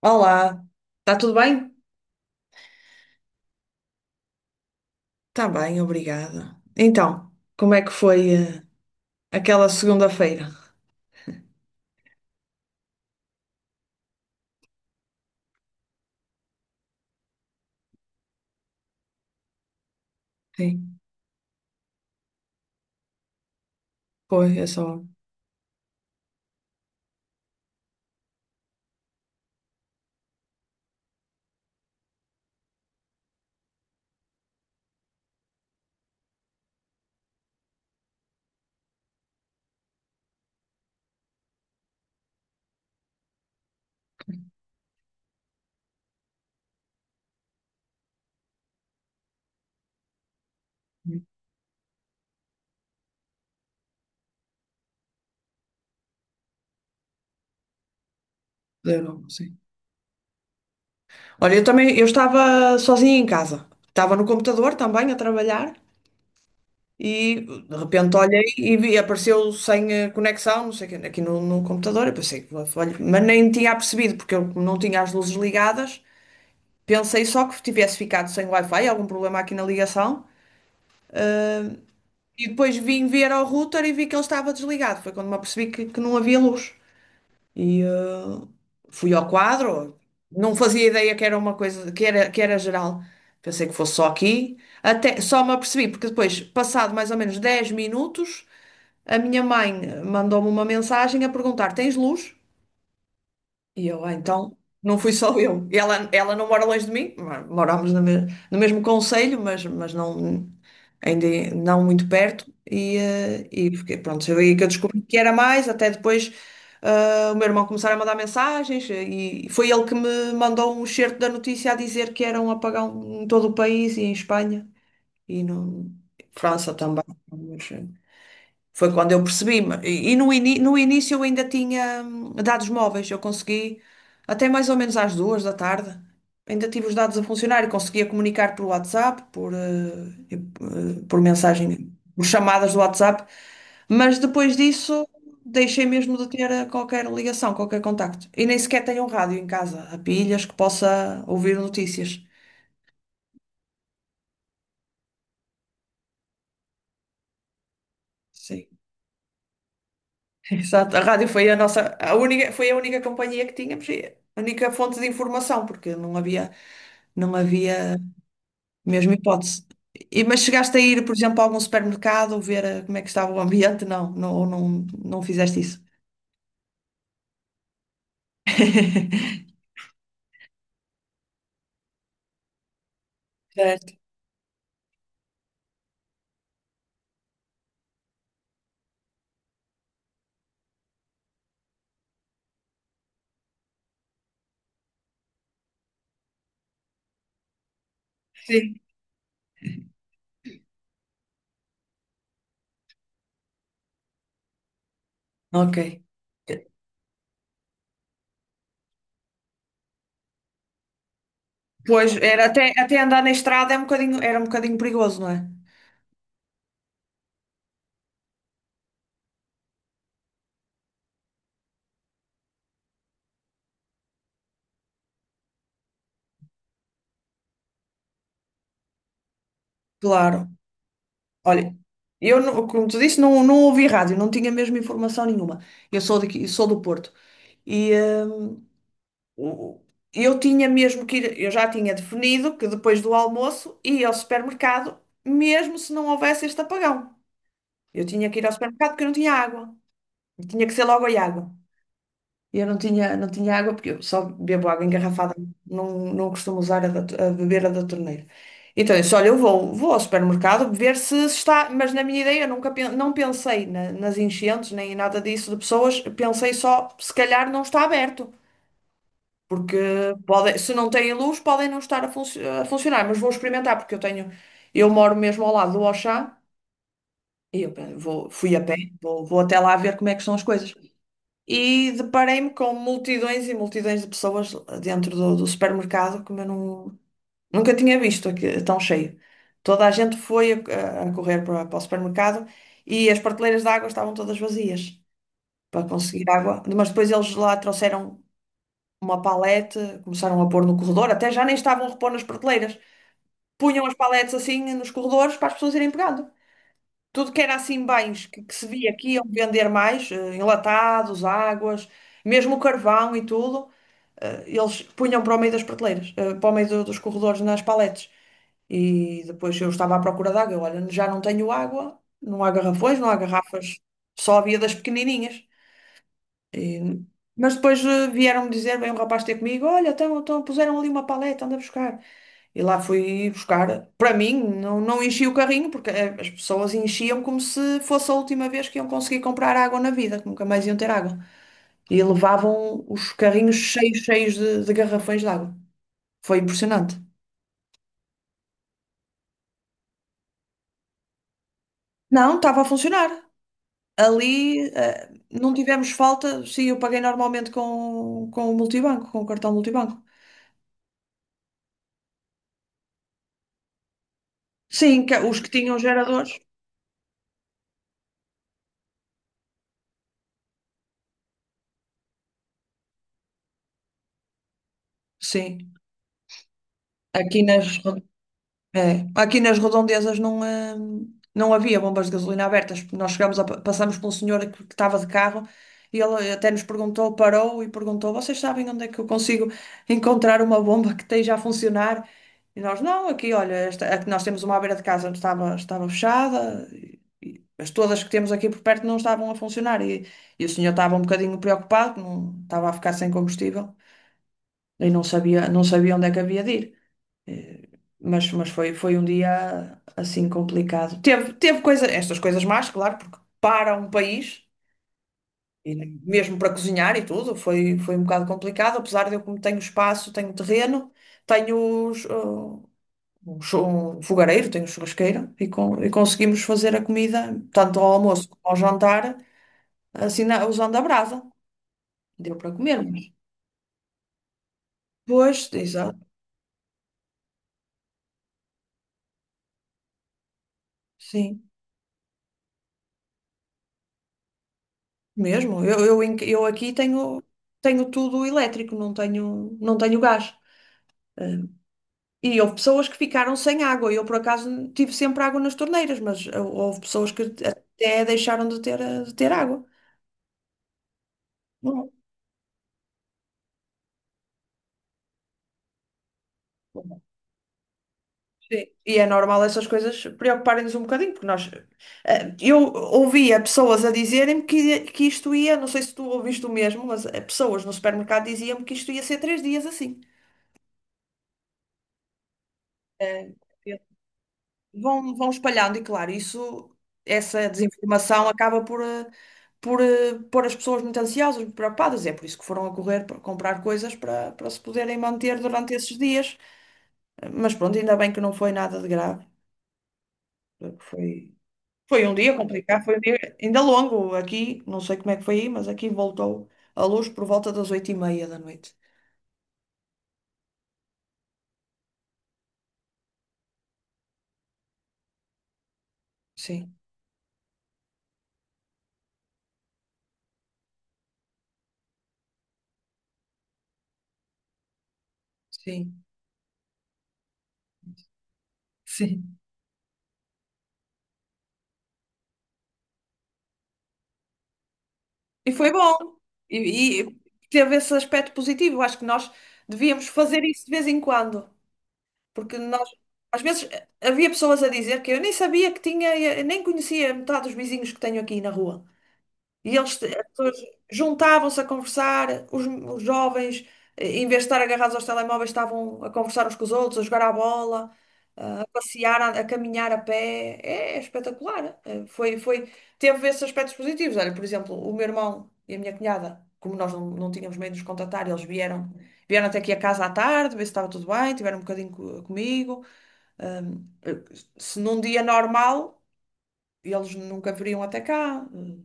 Olá, está tudo bem? Está bem, obrigada. Então, como é que foi aquela segunda-feira? Sim, foi, é só. Zero, sim. Olha, eu também, eu estava sozinha em casa. Estava no computador também a trabalhar e de repente olhei e vi, apareceu sem conexão, não sei o quê, aqui no computador. Eu pensei, olha, mas nem tinha percebido porque eu não tinha as luzes ligadas. Pensei só que tivesse ficado sem Wi-Fi, algum problema aqui na ligação. ah, e depois vim ver ao router e vi que ele estava desligado. Foi quando me apercebi que não havia luz. E fui ao quadro. Não fazia ideia que era uma coisa, que era geral. Pensei que fosse só aqui. Até, só me apercebi, porque depois, passado mais ou menos 10 minutos, a minha mãe mandou-me uma mensagem a perguntar: Tens luz? E eu, então, não fui só eu. E ela não mora longe de mim, morámos no mesmo concelho, mas não, ainda é, não muito perto. E fiquei, pronto, foi aí que eu descobri que era mais, até depois o meu irmão começar a mandar mensagens e foi ele que me mandou um excerto da notícia a dizer que era um apagão em todo o país e em Espanha e no França também. Foi quando eu percebi. E no início eu ainda tinha dados móveis. Eu consegui, até mais ou menos às 2 da tarde, ainda tive os dados a funcionar e conseguia comunicar por WhatsApp, por, eh, e- eh, por mensagem, por chamadas do WhatsApp. Mas depois disso deixei mesmo de ter qualquer ligação, qualquer contacto. E nem sequer tenho um rádio em casa, a pilhas, que possa ouvir notícias. Sim. Exato, a rádio foi a nossa, a única, foi a única companhia que tínhamos, e a única fonte de informação, porque não havia mesmo hipótese. E, mas chegaste a ir, por exemplo, a algum supermercado ver como é que estava o ambiente? Não, não, ou não fizeste isso. Certo. Sim. Ok. Pois, era até andar na estrada é um bocadinho, era um bocadinho perigoso, não é? Claro. Olha, eu, como tu disse, não ouvi rádio, não tinha mesmo informação nenhuma. Eu sou daqui, sou do Porto. E O- eu tinha mesmo que ir, eu já tinha definido que depois do almoço ia ao supermercado, mesmo se não houvesse este apagão. Eu tinha que ir ao supermercado porque eu não tinha água. E tinha que ser logo a água. E eu não tinha água porque eu só bebo água engarrafada, não costumo usar a beber a da torneira. Então, eu disse, olha, eu vou, ao supermercado ver se está, mas na minha ideia eu nunca não pensei nas enchentes nem em nada disso de pessoas, pensei só, se calhar não está aberto. Porque podem, se não têm luz, podem não estar a funcionar, mas vou experimentar, porque eu tenho, eu moro mesmo ao lado do Auchan e eu vou, fui a pé, vou até lá ver como é que são as coisas. E deparei-me com multidões e multidões de pessoas dentro do supermercado que eu não, nunca tinha visto aqui, tão cheio. Toda a gente foi a correr para o supermercado e as prateleiras de água estavam todas vazias para conseguir água, mas depois eles lá trouxeram uma palete, começaram a pôr no corredor, até já nem estavam a repor nas prateleiras. Punham as paletes assim nos corredores para as pessoas irem pegando. Tudo que era assim bens que se via aqui iam vender mais, enlatados, águas, mesmo o carvão e tudo, eles punham para o meio das prateleiras, para o meio dos corredores nas paletes. E depois eu estava à procura de água. Olha, já não tenho água, não há garrafões, não há garrafas, só havia das pequenininhas. E- mas depois vieram-me dizer, veio um rapaz ter comigo, olha, então puseram ali uma paleta, anda buscar. E lá fui buscar. Para mim, não enchi o carrinho, porque as pessoas enchiam como se fosse a última vez que iam conseguir comprar água na vida, que nunca mais iam ter água. E levavam os carrinhos cheios, cheios de garrafões de água. Foi impressionante. Não, estava a funcionar. Ali, não tivemos falta. Sim, eu paguei normalmente com o multibanco, com o cartão multibanco. Sim, os que tinham geradores. Sim, aqui nas redondezas não havia bombas de gasolina abertas. Nós chegámos passamos por um senhor que estava de carro e ele até nos perguntou, parou e perguntou: Vocês sabem onde é que eu consigo encontrar uma bomba que esteja a funcionar? E nós, não, aqui, olha, esta, a que nós temos uma à beira de casa estava fechada, e as todas que temos aqui por perto não estavam a funcionar. E o senhor estava um bocadinho preocupado, não, estava a ficar sem combustível e não sabia onde é que havia de ir. Eh, mas foi um dia assim complicado. Teve coisa, estas coisas más, claro, porque para um país, e mesmo para cozinhar e tudo, foi um bocado complicado, apesar de eu como tenho espaço, tenho terreno, tenho um fogareiro, tenho churrasqueira e conseguimos fazer a comida, tanto ao almoço como ao jantar, assim usando a brasa. Deu para comer, mas. Pois, exato, sim. Mesmo, eu aqui tenho tudo elétrico, não tenho gás. Eh, E houve pessoas que ficaram sem água. Eu, por acaso, tive sempre água nas torneiras, mas houve pessoas que até deixaram de ter água. Não. Sim. E é normal essas coisas preocuparem-nos um bocadinho, porque nós. Eu ouvia pessoas a dizerem-me que isto ia, não sei se tu ouviste o mesmo, mas pessoas no supermercado diziam-me que isto ia ser 3 dias assim. Ah, vão espalhando e claro, isso, essa desinformação acaba por pôr as pessoas muito ansiosas, muito preocupadas, é por isso que foram a correr para comprar coisas para se poderem manter durante esses dias, mas pronto, ainda bem que não foi nada de grave, foi, foi um dia complicado, foi um dia ainda longo aqui, não sei como é que foi aí, mas aqui voltou a luz por volta das 20h30 da noite, sim, sim, sim. E foi bom. E teve esse aspecto positivo. Acho que nós devíamos fazer isso de vez em quando. Porque nós, às vezes, havia pessoas a dizer que eu nem sabia que tinha, eu nem conhecia metade dos vizinhos que tenho aqui na rua. E eles, as pessoas juntavam-se a conversar, os jovens, em vez de estar agarrados aos telemóveis, estavam a conversar uns com os outros, a jogar à bola, a passear, a caminhar a pé. É, espetacular. Foi, teve esses aspectos positivos. Olha, por exemplo, o meu irmão e a minha cunhada, como nós não tínhamos meio de nos contatar, eles vieram até aqui a casa à tarde, ver se estava tudo bem, tiveram um bocadinho comigo. Ahm, eh, se num dia normal, eles nunca viriam até cá. Eh,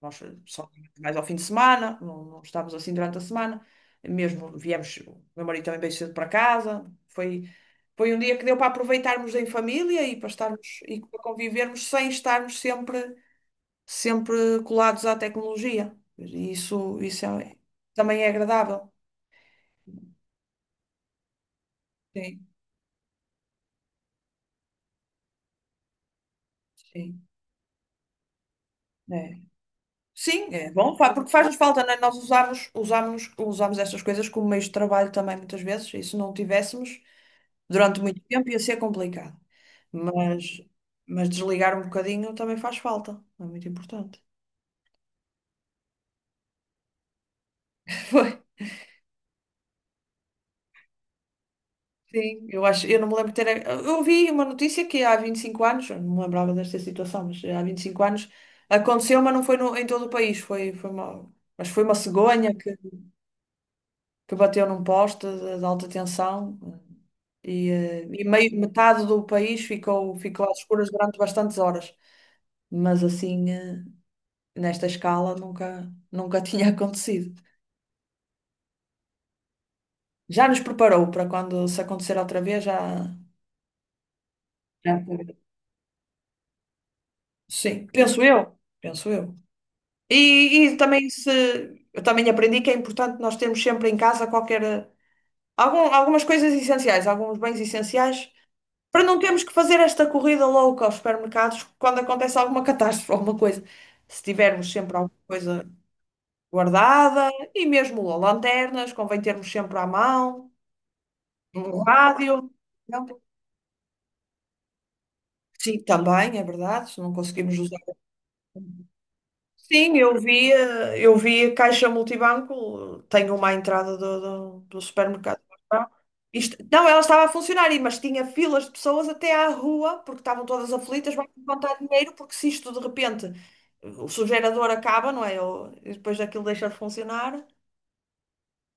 nós só mais ao fim de semana, não estávamos assim durante a semana. Mesmo viemos, o meu marido também veio cedo para casa. Foi um dia que deu para aproveitarmos em família e para estarmos e para convivermos sem estarmos sempre, sempre colados à tecnologia. E isso também é agradável. Sim, sim. É. Sim, é bom, porque faz-nos falta, né? Nós usamos estas coisas como meios de trabalho também muitas vezes, e se não tivéssemos. Durante muito tempo ia ser complicado, mas, mas desligar um bocadinho também faz falta, é muito importante. Foi, sim, eu acho, eu não me lembro de ter. Eu vi uma notícia que há 25 anos, eu não me lembrava desta situação, mas há 25 anos aconteceu, mas não foi em todo o país, foi uma, mas foi uma cegonha que bateu num poste de alta tensão e metade do país ficou às escuras durante bastantes horas, mas assim. Nesta escala nunca, nunca tinha acontecido. Já nos preparou para quando se acontecer outra vez, já- sim, penso eu, penso eu. E também se eu também aprendi que é importante nós termos sempre em casa algumas coisas essenciais, alguns bens essenciais, para não termos que fazer esta corrida louca aos supermercados quando acontece alguma catástrofe, alguma coisa. Se tivermos sempre alguma coisa guardada e mesmo lanternas, convém termos sempre à mão. Um rádio. Não. Sim, também, é verdade, se não conseguimos usar. Sim, eu vi a caixa multibanco, tenho uma à entrada do supermercado. Não, ela estava a funcionar, mas tinha filas de pessoas até à rua, porque estavam todas aflitas, vão levantar dinheiro, porque se isto de repente o seu gerador acaba, não é? E depois daquilo deixa de funcionar,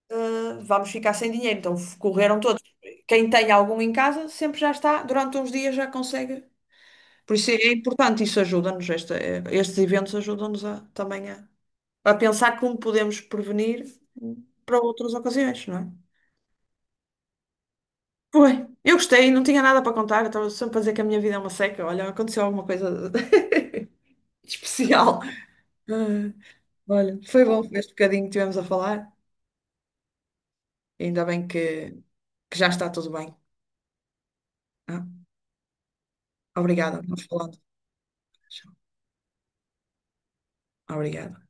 eh, vamos ficar sem dinheiro. Então correram todos. Quem tem algum em casa sempre já está, durante uns dias já consegue. Por isso é importante, isso ajuda-nos, estes eventos ajudam-nos também a pensar como podemos prevenir para outras ocasiões, não é? Foi. Eu gostei, não tinha nada para contar, eu estava sempre a dizer que a minha vida é uma seca. Olha, aconteceu alguma coisa especial. Ah, olha, foi bom este bocadinho que tivemos a falar. Ainda bem que já está tudo bem. Ah, obrigada, vamos falando. Obrigada.